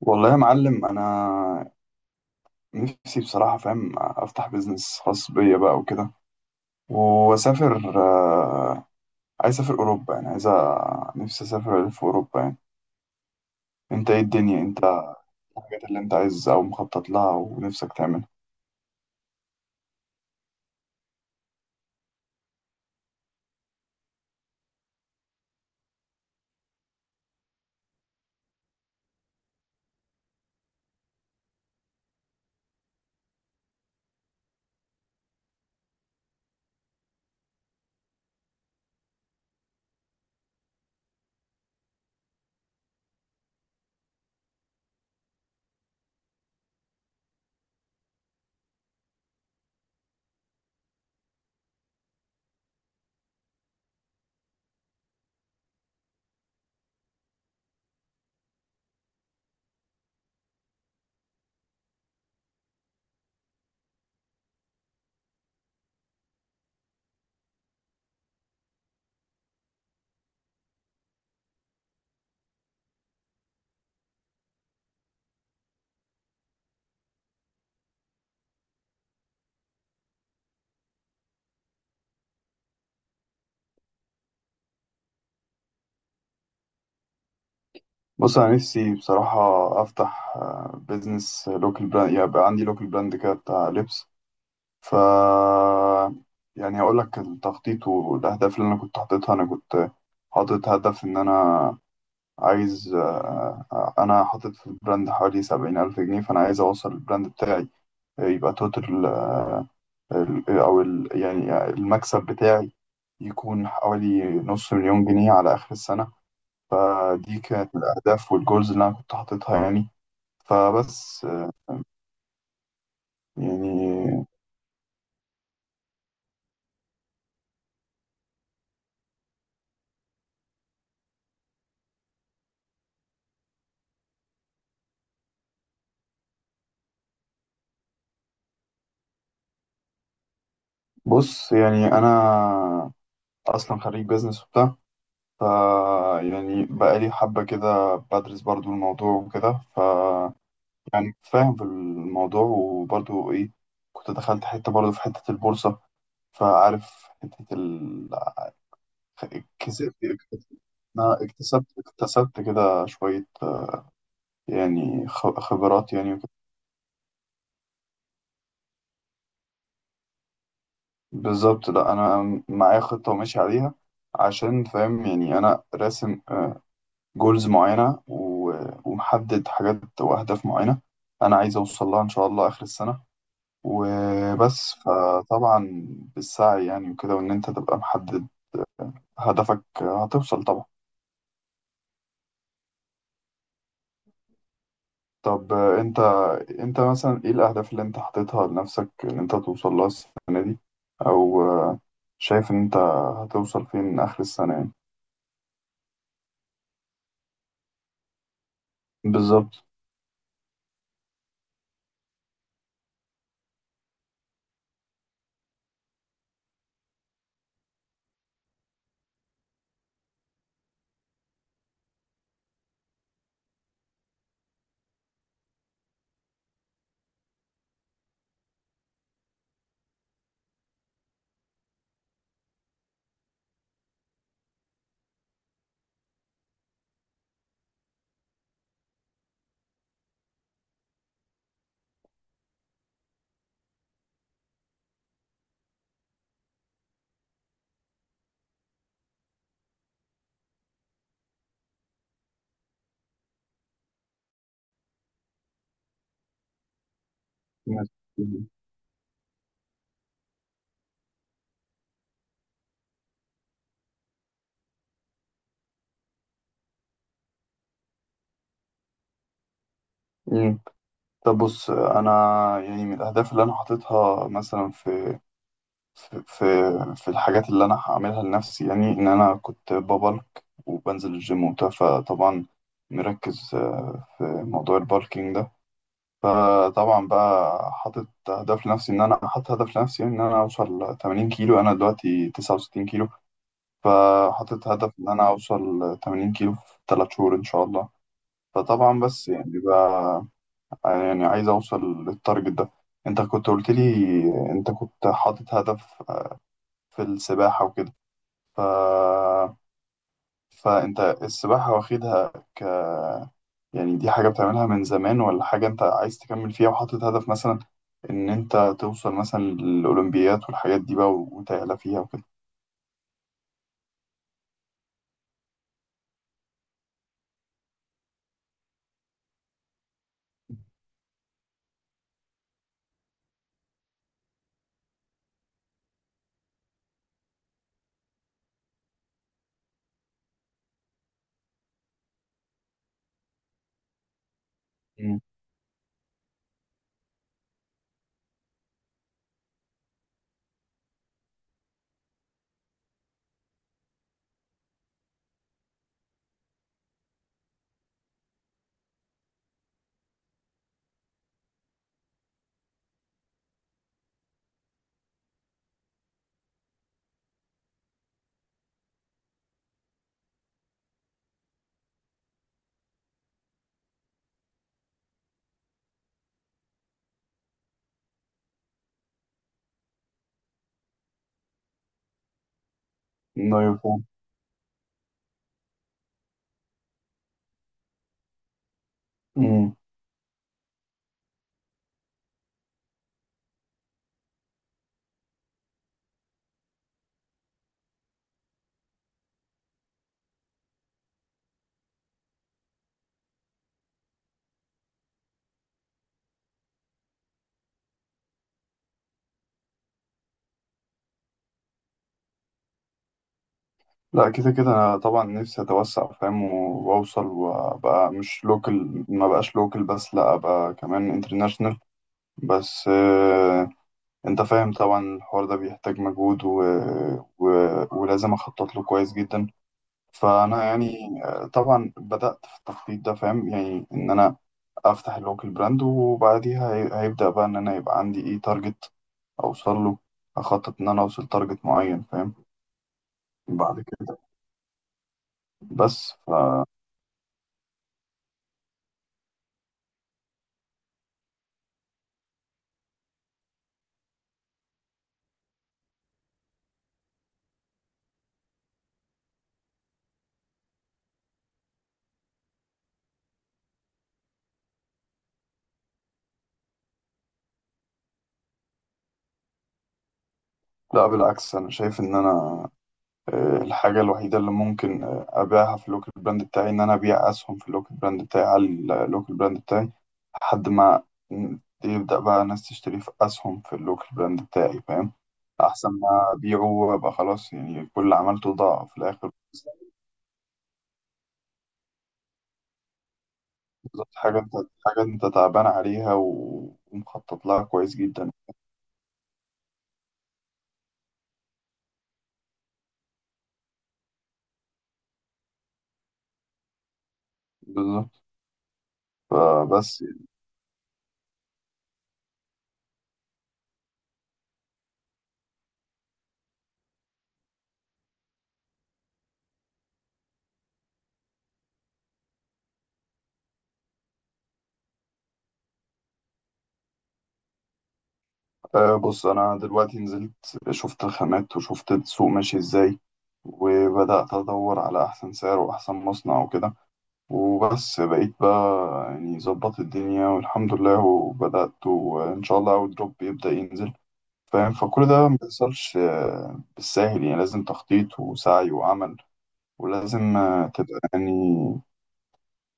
والله يا معلم، انا نفسي بصراحه فاهم افتح بيزنس خاص بيا بقى وكده واسافر، عايز اسافر اوروبا، يعني عايز نفسي اسافر الف اوروبا يعني. انت ايه الدنيا انت الحاجات اللي انت عايز او مخطط لها ونفسك تعملها. بص، انا نفسي بصراحه افتح بيزنس لوكال براند، يبقى عندي لوكال براند كده بتاع لبس. ف يعني هقول لك التخطيط والاهداف اللي انا كنت حاططها. انا كنت حاطط هدف ان انا عايز، أنا حاطط في البراند حوالي 70,000 جنيه، فأنا عايز أوصل البراند بتاعي، يبقى توتال، آه، ال- آه، أو ال يعني آه، المكسب بتاعي يكون حوالي نص مليون جنيه على آخر السنة. فدي كانت الأهداف والجولز اللي أنا كنت حاططها يعني. فبس آه، يعني بص، يعني أنا أصلا خريج بيزنس وبتاع. ف يعني بقالي حبة كده بدرس برضو الموضوع وكده. يعني فاهم في الموضوع، وبرضو ايه، كنت دخلت حتة برضو في حتة البورصة، فعارف حتة كسبت أنا اكتسبت كده شوية، يعني خبرات يعني، وكده. بالظبط، لا أنا معايا خطة وماشي عليها، عشان فاهم، يعني أنا راسم جولز معينة ومحدد حاجات وأهداف معينة أنا عايز أوصل لها إن شاء الله آخر السنة وبس. فطبعا بالسعي يعني وكده، وإن أنت تبقى محدد هدفك هتوصل طبعا. طب انت مثلا ايه الاهداف اللي انت حاططها لنفسك ان انت توصل لها السنه دي، او شايف ان انت هتوصل فين اخر السنه يعني؟ بالظبط. مم. مم. طب بص، انا يعني من الاهداف اللي انا حاططها مثلا في في في الحاجات اللي انا هعملها لنفسي، يعني ان انا كنت ببلك وبنزل الجيم وبتاع، فطبعا مركز في موضوع البالكينج ده. فطبعا بقى حاطط هدف لنفسي ان انا اوصل 80 كيلو، انا دلوقتي 69 كيلو، فحاطط هدف ان انا اوصل 80 كيلو في 3 شهور ان شاء الله. فطبعا بس يعني بقى، يعني عايز اوصل للتارجت ده. انت كنت قلت لي انت كنت حاطط هدف في السباحة وكده ف... فانت السباحة واخدها يعني دي حاجة بتعملها من زمان، ولا حاجة أنت عايز تكمل فيها وحاطط هدف مثلا إن أنت توصل مثلا للأولمبيات والحاجات دي بقى وتعلى فيها وكده؟ مم. أيوة فاهم. أمم. لا، كده كده أنا طبعا نفسي أتوسع فاهم، وأوصل وأبقى مش لوكال، ما بقاش لوكال بس، لا أبقى كمان انترناشونال. بس أنت فاهم طبعا الحوار ده بيحتاج مجهود و... ولازم أخطط له كويس جدا. فأنا يعني، طبعا بدأت في التخطيط ده فاهم، يعني إن أنا افتح اللوكال براند، وبعديها هيبدأ بقى ان انا يبقى عندي ايه تارجت اوصل له، اخطط ان انا اوصل تارجت معين فاهم، بعد كده. بس لا بالعكس، انا شايف ان انا، الحاجة الوحيدة اللي ممكن، ابيعها في اللوكال براند بتاعي ان انا ابيع اسهم في اللوكال براند بتاعي على اللوكال براند بتاعي لحد ما يبدأ بقى ناس تشتري في اسهم في اللوكال براند بتاعي فاهم، احسن ما ابيعه وابقى خلاص يعني كل اللي عملته ضاع في الاخر. بالظبط، حاجة انت تعبان عليها ومخطط لها كويس جدا. بالظبط. فبس آه، بص، انا دلوقتي نزلت شفت الخامات وشفت السوق ماشي ازاي، وبدأت ادور على احسن سعر واحسن مصنع وكده. وبس بقيت بقى يعني ظبط الدنيا والحمد لله، وبدأت، وان شاء الله اول دروب يبدأ ينزل فاهم. فكل ده ما بيحصلش بالساهل، يعني لازم تخطيط وسعي وعمل، ولازم تبقى يعني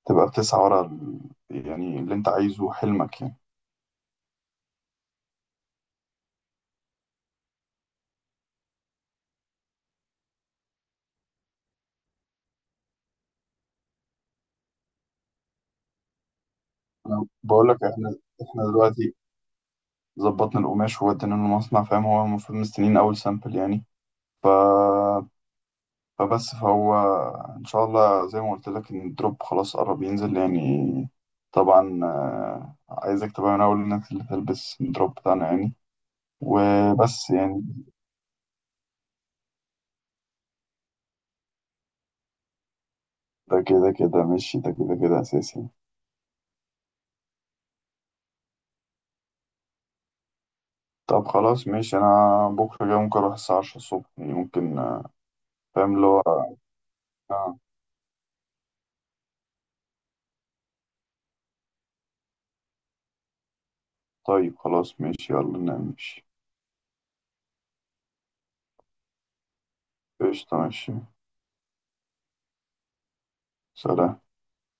بتسعى ورا يعني اللي انت عايزه حلمك يعني. انا بقول لك احنا، دلوقتي ظبطنا القماش وودينا له المصنع، فاهم، هو المفروض مستنيين اول سامبل يعني. ف... فبس فهو ان شاء الله زي ما قلت لك ان الدروب خلاص قرب ينزل يعني. طبعا عايزك تبقى من اول الناس اللي تلبس الدروب بتاعنا يعني، وبس يعني. ده كده كده ماشي، ده كده كده اساسي يعني. طب خلاص ماشي، انا بكره جاي ممكن اروح الساعه 10 الصبح يعني، ممكن، فاهم اللي هو، آه، طيب خلاص ماشي يلا نمشي. قشطة ماشي. سلام.